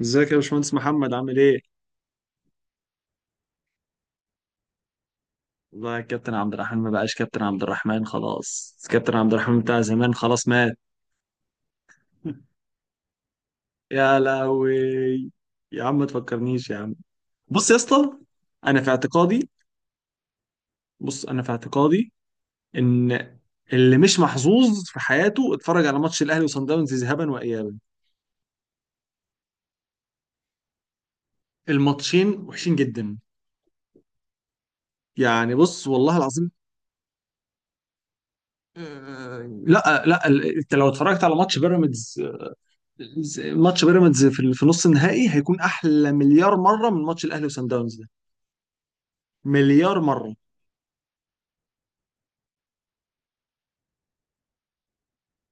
ازيك يا باشمهندس محمد عامل ايه؟ والله يا كابتن عبد الرحمن ما بقاش كابتن عبد الرحمن، خلاص كابتن عبد الرحمن بتاع زمان خلاص مات. يا لهوي. يا عم ما تفكرنيش يا عم. بص يا اسطى، انا في اعتقادي، بص انا في اعتقادي ان اللي مش محظوظ في حياته اتفرج على ماتش الاهلي وصن داونز ذهابا وايابا. الماتشين وحشين جدا. يعني بص والله العظيم. لا لا، انت لو اتفرجت على ماتش بيراميدز، ماتش بيراميدز في نص النهائي هيكون احلى مليار مره من ماتش الاهلي وسان داونز ده. مليار مره.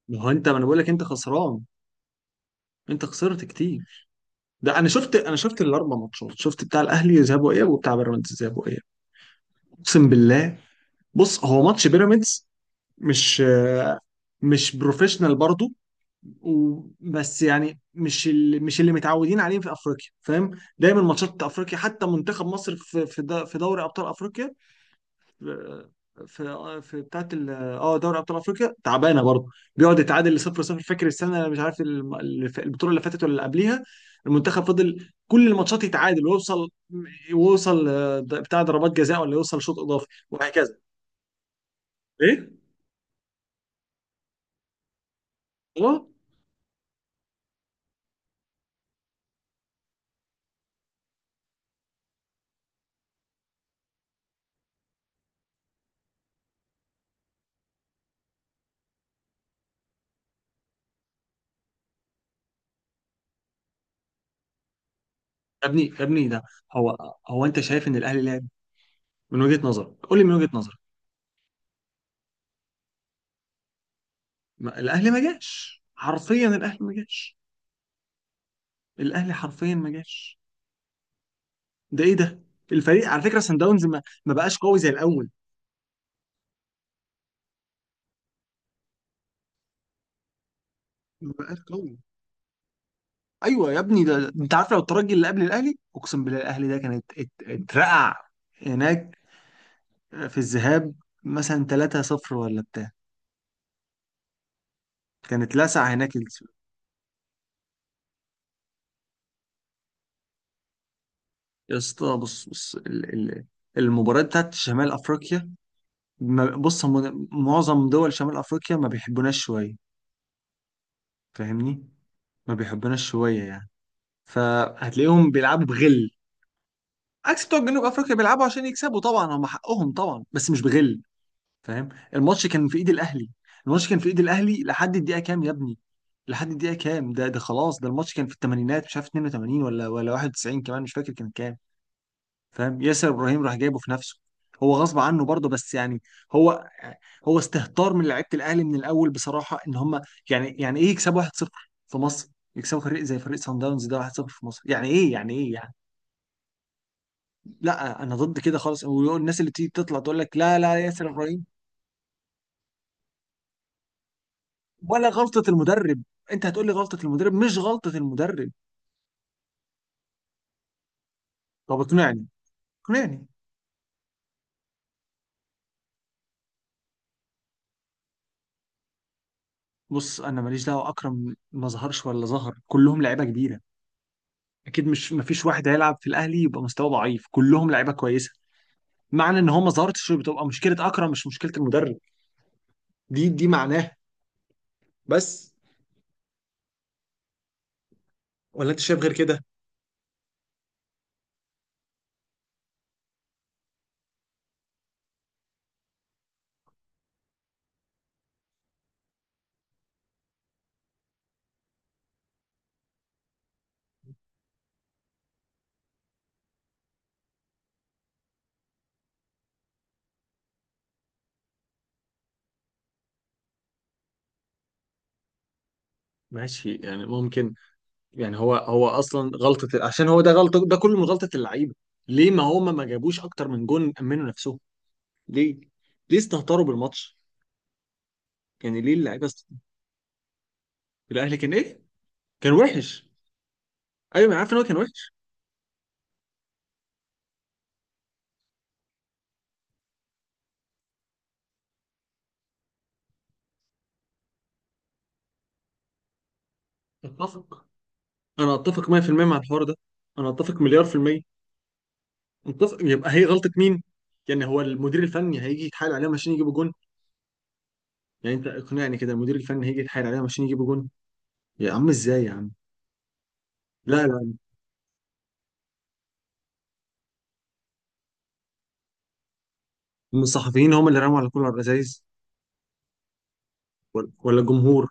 ما هو انت، ما انا بقول لك انت خسران. انت خسرت كتير. ده انا شفت الاربع ماتشات، شفت بتاع الاهلي ذهاب واياب وبتاع بيراميدز ذهاب واياب. اقسم بالله. بص، هو ماتش بيراميدز مش آه، مش بروفيشنال برضه، بس يعني مش اللي متعودين عليه في افريقيا، فاهم؟ دايما ماتشات افريقيا، حتى منتخب مصر في دوري ابطال افريقيا، في في بتاعت ال- اه دوري ابطال افريقيا تعبانه برضه. بيقعد يتعادل لصفر صفر. فاكر السنه مش عارف، البطوله اللي فاتت ولا اللي قبليها. المنتخب فضل كل الماتشات يتعادل ويوصل بتاع ضربات جزاء، ولا يوصل شوط اضافي وهكذا. ايه. اه. يا ابني يا ابني، ده هو انت شايف ان الاهلي لعب؟ من وجهه نظرك قول لي، من وجهه نظرك. الاهلي ما جاش، حرفيا الاهلي ما جاش، الاهلي حرفيا ما جاش. ده ايه ده. الفريق على فكره، سان داونز ما بقاش قوي زي الاول. ما بقاش قوي. ايوه يا ابني، ده انت عارف لو الترجي اللي قبل الاهلي، اقسم بالله الاهلي ده كانت اترقع هناك في الذهاب مثلا 3-0 ولا بتاع. كانت لسع هناك يا اسطى بص بص، ال ال المباريات بتاعت شمال افريقيا، بص، هم معظم دول شمال افريقيا ما بيحبوناش شويه، فاهمني؟ ما بيحبوناش شويه يعني، فهتلاقيهم بيلعبوا بغل، عكس بتوع جنوب افريقيا بيلعبوا عشان يكسبوا. طبعا هم حقهم طبعا، بس مش بغل. فاهم؟ الماتش كان في ايد الاهلي. الماتش كان في ايد الاهلي لحد الدقيقه كام يا ابني؟ لحد الدقيقه كام. ده خلاص، ده الماتش كان في الثمانينات، مش عارف 82 ولا 91، كمان مش فاكر كان كام. فاهم. ياسر ابراهيم راح جايبه في نفسه، هو غصب عنه برضه، بس يعني هو، هو استهتار من لعيبه الاهلي من الاول بصراحه، ان هم يعني ايه يكسبوا 1-0 في مصر، يكسبوا فريق زي فريق سان داونز ده 1-0 في مصر، يعني ايه يعني ايه يعني. لا انا ضد كده خالص، والناس اللي تيجي تطلع تقول لك لا لا ياسر ابراهيم، ولا غلطة المدرب. انت هتقول لي غلطة المدرب؟ مش غلطة المدرب. طب اقنعني، اقنعني. بص انا ماليش دعوة، اكرم ما ظهرش ولا ظهر، كلهم لعيبة كبيرة، اكيد. مش، مفيش واحد هيلعب في الاهلي يبقى مستواه ضعيف، كلهم لعيبة كويسة. معنى ان هو ما ظهرتش بتبقى مشكلة اكرم، مش مشكلة المدرب. دي معناها. بس. ولا انت شايف غير كده؟ ماشي يعني ممكن. يعني هو اصلا غلطة، عشان هو ده غلطة، ده كله من غلطة اللعيبة. ليه ما هما ما جابوش اكتر من جون، امنوا نفسهم؟ ليه؟ ليه استهتروا بالماتش؟ يعني ليه اللعيبه الاهلي كان ايه؟ كان وحش. ايوه انا عارف ان هو كان وحش. اتفق. انا اتفق 100% مع الحوار ده. انا اتفق مليار في المية. اتفق. يبقى هي غلطة مين؟ يعني هو المدير الفني هيجي يتحايل عليهم عشان يجيبوا جون؟ يعني انت اقنعني كده، المدير الفني هيجي يتحايل عليهم عشان يجيبوا جون؟ يا عم ازاي يا عم؟ لا لا. من الصحفيين، هم اللي رموا على كل الرذاذ، ولا الجمهور.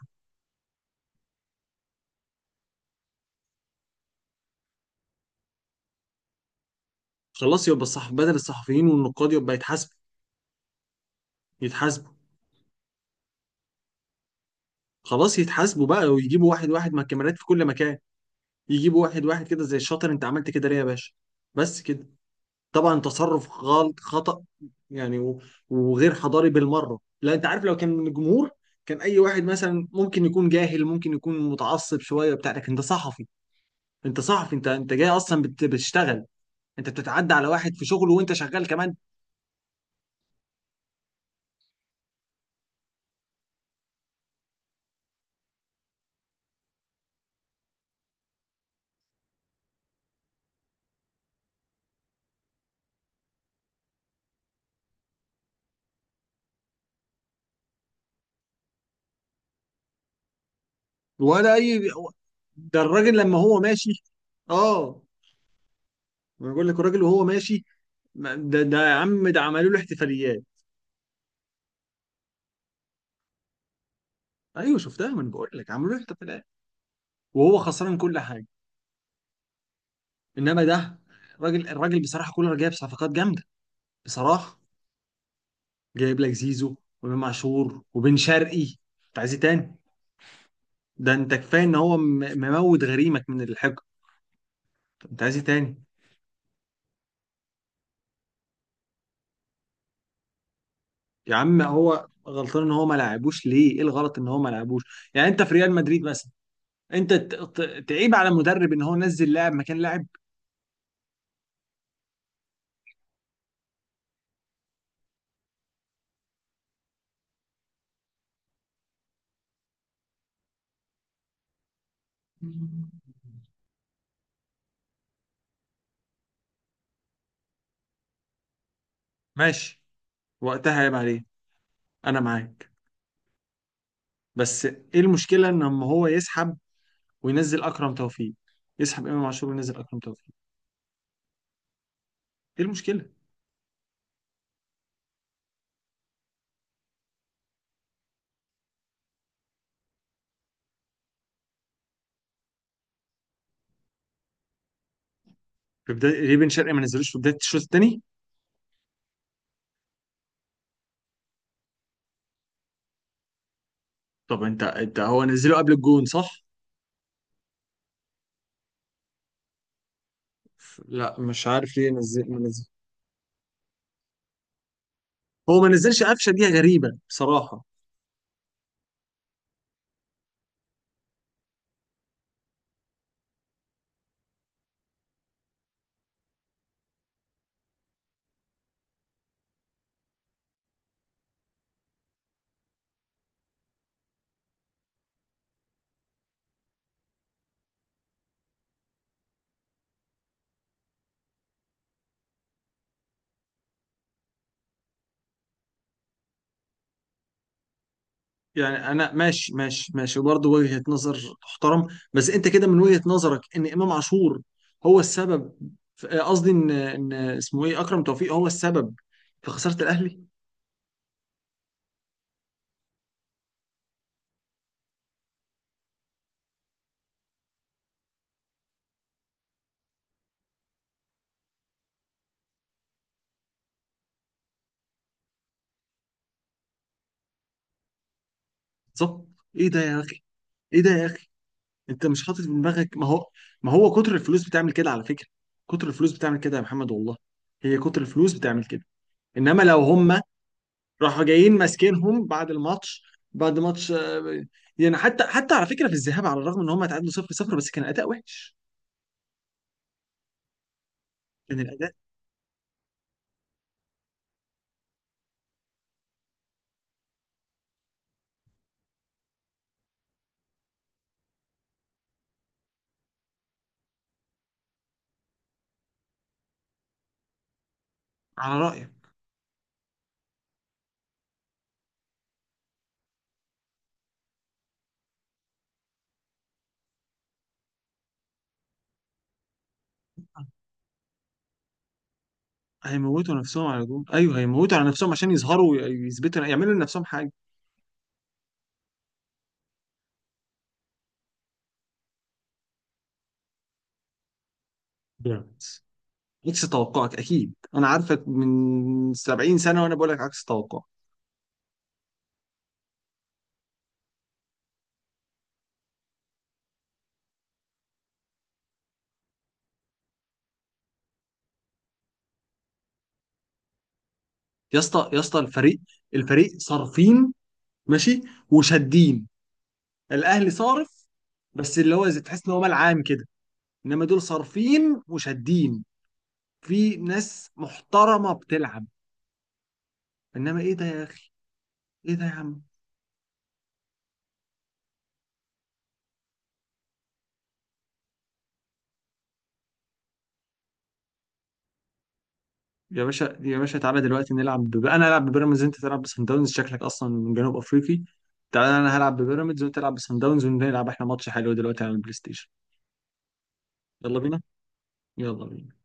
خلاص يبقى الصح، بدل الصحفيين والنقاد يبقى يتحاسبوا، يتحاسبوا. خلاص يتحاسبوا بقى، ويجيبوا واحد واحد مع الكاميرات في كل مكان، يجيبوا واحد واحد كده زي الشاطر، انت عملت كده ليه يا باشا؟ بس كده. طبعا تصرف غلط، خطأ يعني، وغير حضاري بالمرة. لا انت عارف، لو كان من الجمهور، كان اي واحد مثلا ممكن يكون جاهل، ممكن يكون متعصب شوية بتاع، لكن انت صحفي. انت صحفي، انت جاي اصلا بتشتغل، انت بتتعدى على واحد في شغله وانت شغال كمان. ولا اي. ده الراجل لما هو ماشي. اه. ما بقول لك الراجل وهو ماشي. ده يا عم، ده عملوا له احتفاليات. ايوه شفتها، ما انا بقول لك عملوا له احتفاليات، وهو خسران كل حاجه. انما ده الراجل بصراحه، كولر، جايب صفقات جامده بصراحه، جايب لك زيزو وامام عاشور وبن شرقي، انت عايز ايه تاني؟ ده انت كفايه ان هو مموت غريمك من الحقد، انت عايز ايه تاني؟ يا عم هو غلطان ان هو ما لعبوش ليه؟ ايه الغلط ان هو ما لعبوش؟ يعني انت في ريال مدريد مثلا، انت تعيب على المدرب ان هو نزل لاعب مكان لاعب؟ ماشي، وقتها عيب عليه، انا معاك. بس ايه المشكله ان لما هو يسحب وينزل اكرم توفيق، يسحب امام عاشور وينزل اكرم توفيق، ايه المشكله؟ في بدايه، ريبن شرقي ما نزلوش في بدايه الشوط الثاني. طب انت هو نزله قبل الجون، صح. لا مش عارف ليه نزل ما نزل. هو ما نزلش قفشه، دي غريبه بصراحه. يعني انا ماشي ماشي ماشي برضه، وجهه نظر تحترم. بس انت كده من وجهه نظرك ان امام عاشور هو السبب قصدي ان اسمه ايه، اكرم توفيق، هو السبب في خساره الاهلي. بالظبط. ايه ده يا اخي، ايه ده يا اخي. انت مش حاطط في دماغك، ما هو كتر الفلوس بتعمل كده على فكره. كتر الفلوس بتعمل كده يا محمد والله، هي كتر الفلوس بتعمل كده. انما لو هم راحوا جايين ماسكينهم بعد الماتش، بعد ماتش يعني حتى على فكره في الذهاب، على الرغم ان هم اتعادلوا 0-0 بس كان اداء وحش، كان الاداء. على رايك. هيموتوا نفسهم على جول، ايوه هيموتوا على نفسهم عشان يظهروا ويثبتوا، يعملوا لنفسهم حاجه. بيراميدز. عكس توقعك اكيد، انا عارفك من 70 سنه وانا بقول لك عكس توقعك. يا اسطى يا اسطى، الفريق، الفريق صارفين، ماشي، وشادين. الاهلي صارف بس اللي هو زي تحس ان هو ملعان كده، انما دول صارفين وشادين، في ناس محترمه بتلعب. انما ايه ده يا اخي، ايه ده يا عم. يا باشا يا باشا، تعالى دلوقتي نلعب انا العب ببيراميدز انت تلعب بسان داونز، شكلك اصلا من جنوب افريقي. تعالى انا هلعب ببيراميدز وانت تلعب بسان داونز، ونلعب احنا ماتش حلو دلوقتي على البلاي ستيشن. يلا بينا، يلا بينا.